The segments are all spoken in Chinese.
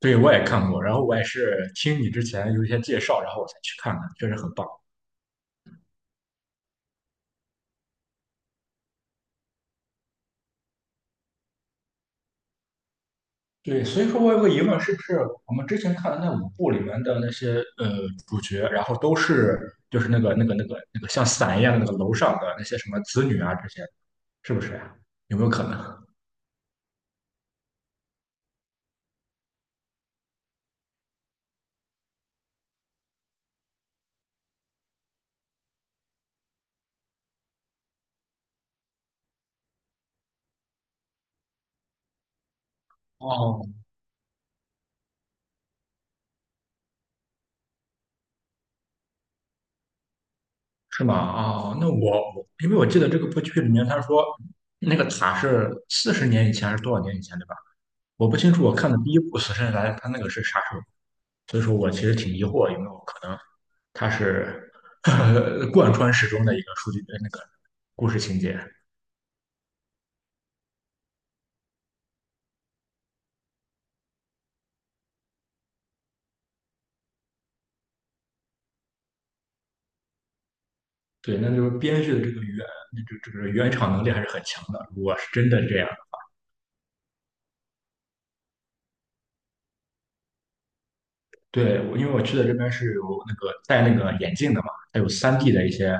对，我也看过，然后我也是听你之前有一些介绍，然后我才去看的，确实很棒。对，所以说我有个疑问，是不是我们之前看的那5部里面的那些呃主角，然后都是就是那个像伞一样的那个楼上的那些什么子女啊这些，是不是呀，有没有可能？哦，是吗？哦，那我因为我记得这个部剧里面他说那个塔是40年以前还是多少年以前，对吧？我不清楚，我看的第一部《死神来了》他那个是啥时候，所以说我其实挺疑惑有没有可能它是呵呵 贯穿始终的一个数据那个故事情节。对，那就是编剧的这个那这个原厂能力还是很强的。如果是真的这样。对，我因为我去的这边是有那个戴那个眼镜的嘛，它有三 d 的一些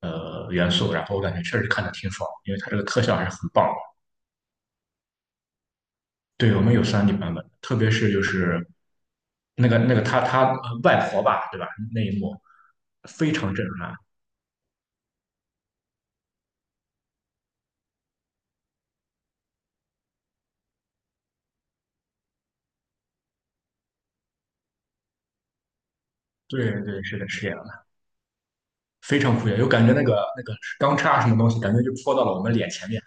元素，然后我感觉确实看的挺爽，因为它这个特效还是很棒的。对，我们有三 d 版本，特别是就是那个他外婆吧，对吧？那一幕非常震撼。对对，是的，是这样。非常酷炫，有感觉那个钢叉什么东西，感觉就戳到了我们脸前面。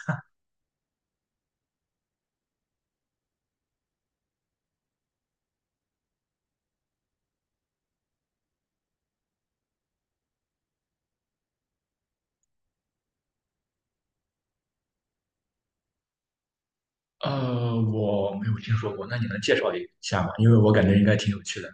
我没有听说过，那你能介绍一下吗？因为我感觉应该挺有趣的。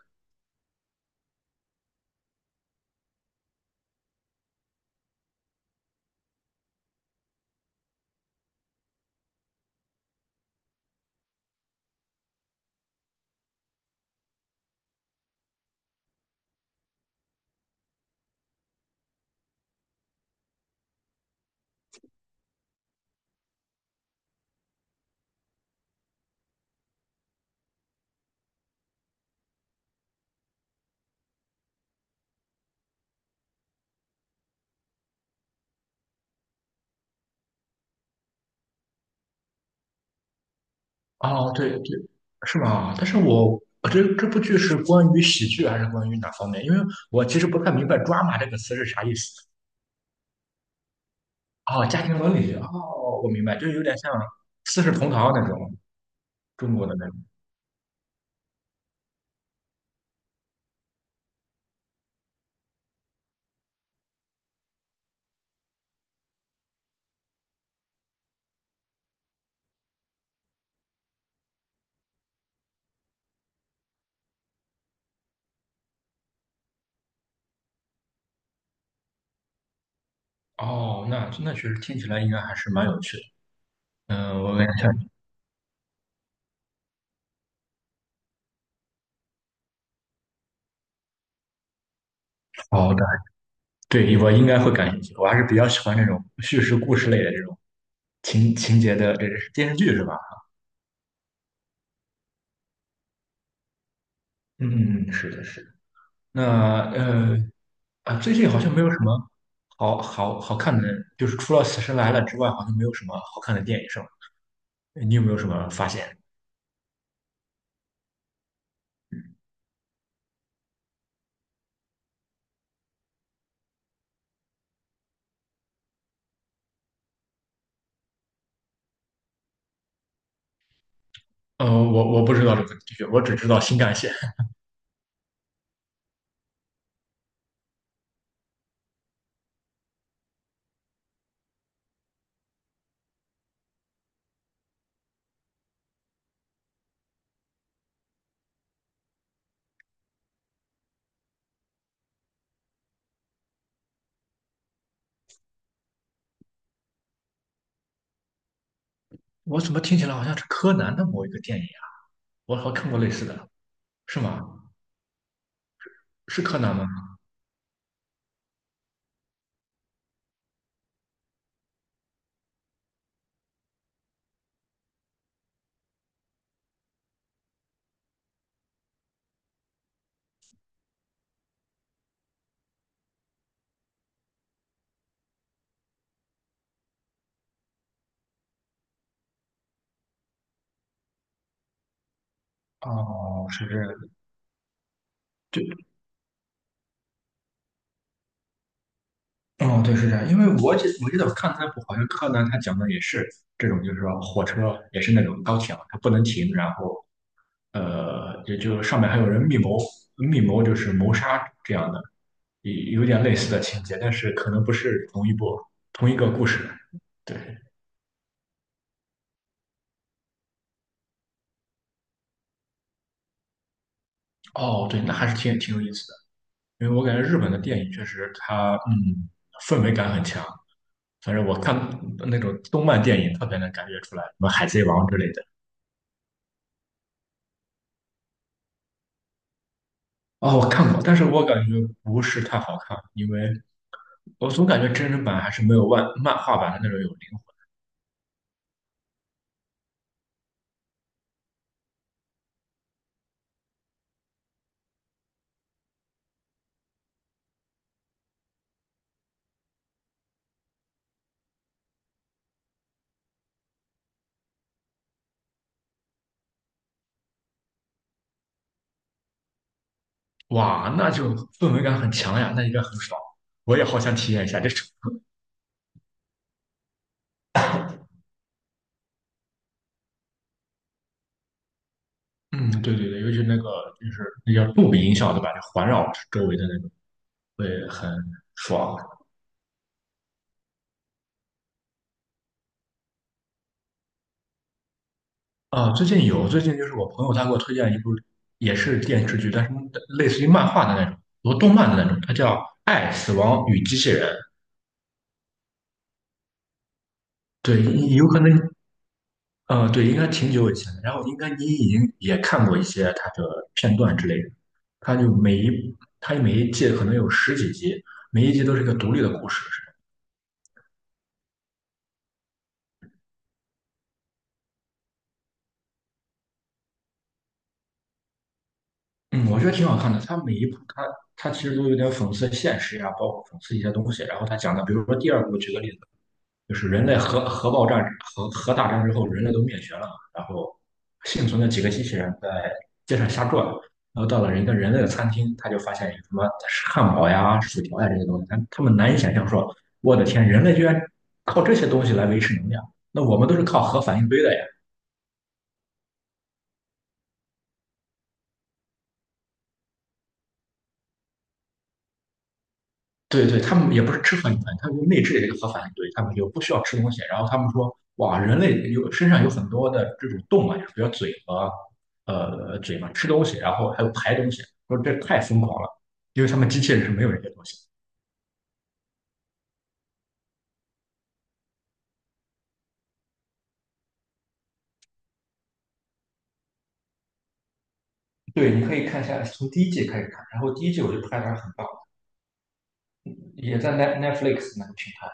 哦，对对，是吗？但是我这部剧是关于喜剧还是关于哪方面？因为我其实不太明白 "drama" 这个词是啥意思。哦，家庭伦理。哦，我明白，就有点像《四世同堂》那种中国的那种。哦，那确实听起来应该还是蛮有趣的。嗯、我感觉像。好的。对，我应该会感兴趣。我还是比较喜欢这种叙事故事类的这种情节的，这是电视剧是吧？嗯，是的，是的。那呃啊，最近好像没有什么好看的，就是除了《死神来了》之外，好像没有什么好看的电影，是吧？你有没有什么发现？我不知道这个剧，我只知道新干线。我怎么听起来好像是柯南的某一个电影啊？我好像看过类似的，是吗？是柯南吗？哦，是这样。哦，对，是这样，因为我记得我看那部好像柯南他讲的也是这种，就是说火车也是那种高铁嘛，它不能停，然后也就上面还有人密谋，密谋就是谋杀这样的，有点类似的情节，但是可能不是同一个故事。对，哦，对，那还是挺有意思的，因为我感觉日本的电影确实它氛围感很强，反正我看那种动漫电影特别能感觉出来，什么《海贼王》之类的。哦，我看过，但是我感觉不是太好看，因为我总感觉真人版还是没有漫画版的那种有灵魂。哇，那就氛围感很强呀，那应该很爽。我也好想体验一下，这是嗯，对对对，尤其那个就是那叫杜比音效对吧？就环绕周围的那种，会很爽。啊，最近有，最近就是我朋友他给我推荐一部，也是电视剧，但是类似于漫画的那种，和动漫的那种，它叫《爱、死亡与机器人》。对，有可能对，应该挺久以前的。然后应该你已经也看过一些它的片段之类的。它就每一它每一季可能有十几集，每一集都是一个独立的故事。是吧？嗯，我觉得挺好看的。它每一部它其实都有点讽刺现实呀、包括讽刺一些东西。然后它讲的，比如说第二部，举个例子。就是人类核爆炸核大战之后，人类都灭绝了嘛，然后幸存的几个机器人在街上瞎转，然后到了一个人类的餐厅，他就发现有什么汉堡呀、薯条呀这些东西，他们难以想象说，我的天，人类居然靠这些东西来维持能量，那我们都是靠核反应堆的呀。对对，他们也不是吃核反应，他们就内置的一个核反应堆，他们就不需要吃东西。然后他们说，哇，人类有身上有很多的这种动脉，比如嘴和嘴嘛，吃东西，然后还有排东西，说这太疯狂了，因为他们机器人是没有这些东西。对，你可以看一下，从第一季开始看，然后第一季我就拍的还是很棒，也在 Netflix 那个平台，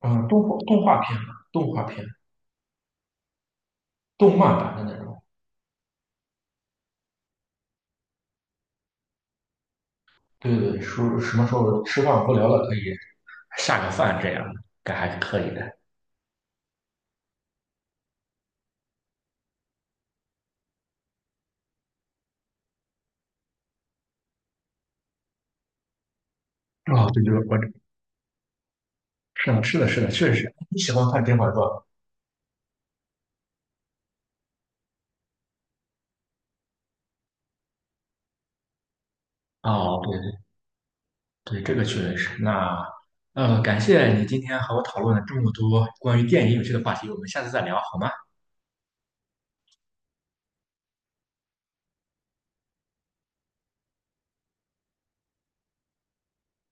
嗯，动画片嘛，动画片，动漫版的那种。对对对说什么时候吃饭无聊了可以下个饭这样，该还是可以的。哦，对对，我是的，是的，是的，确实是。你喜欢看《天外传》？哦，对对对，这个确实是。那感谢你今天和我讨论了这么多关于电影有趣的话题，我们下次再聊好吗？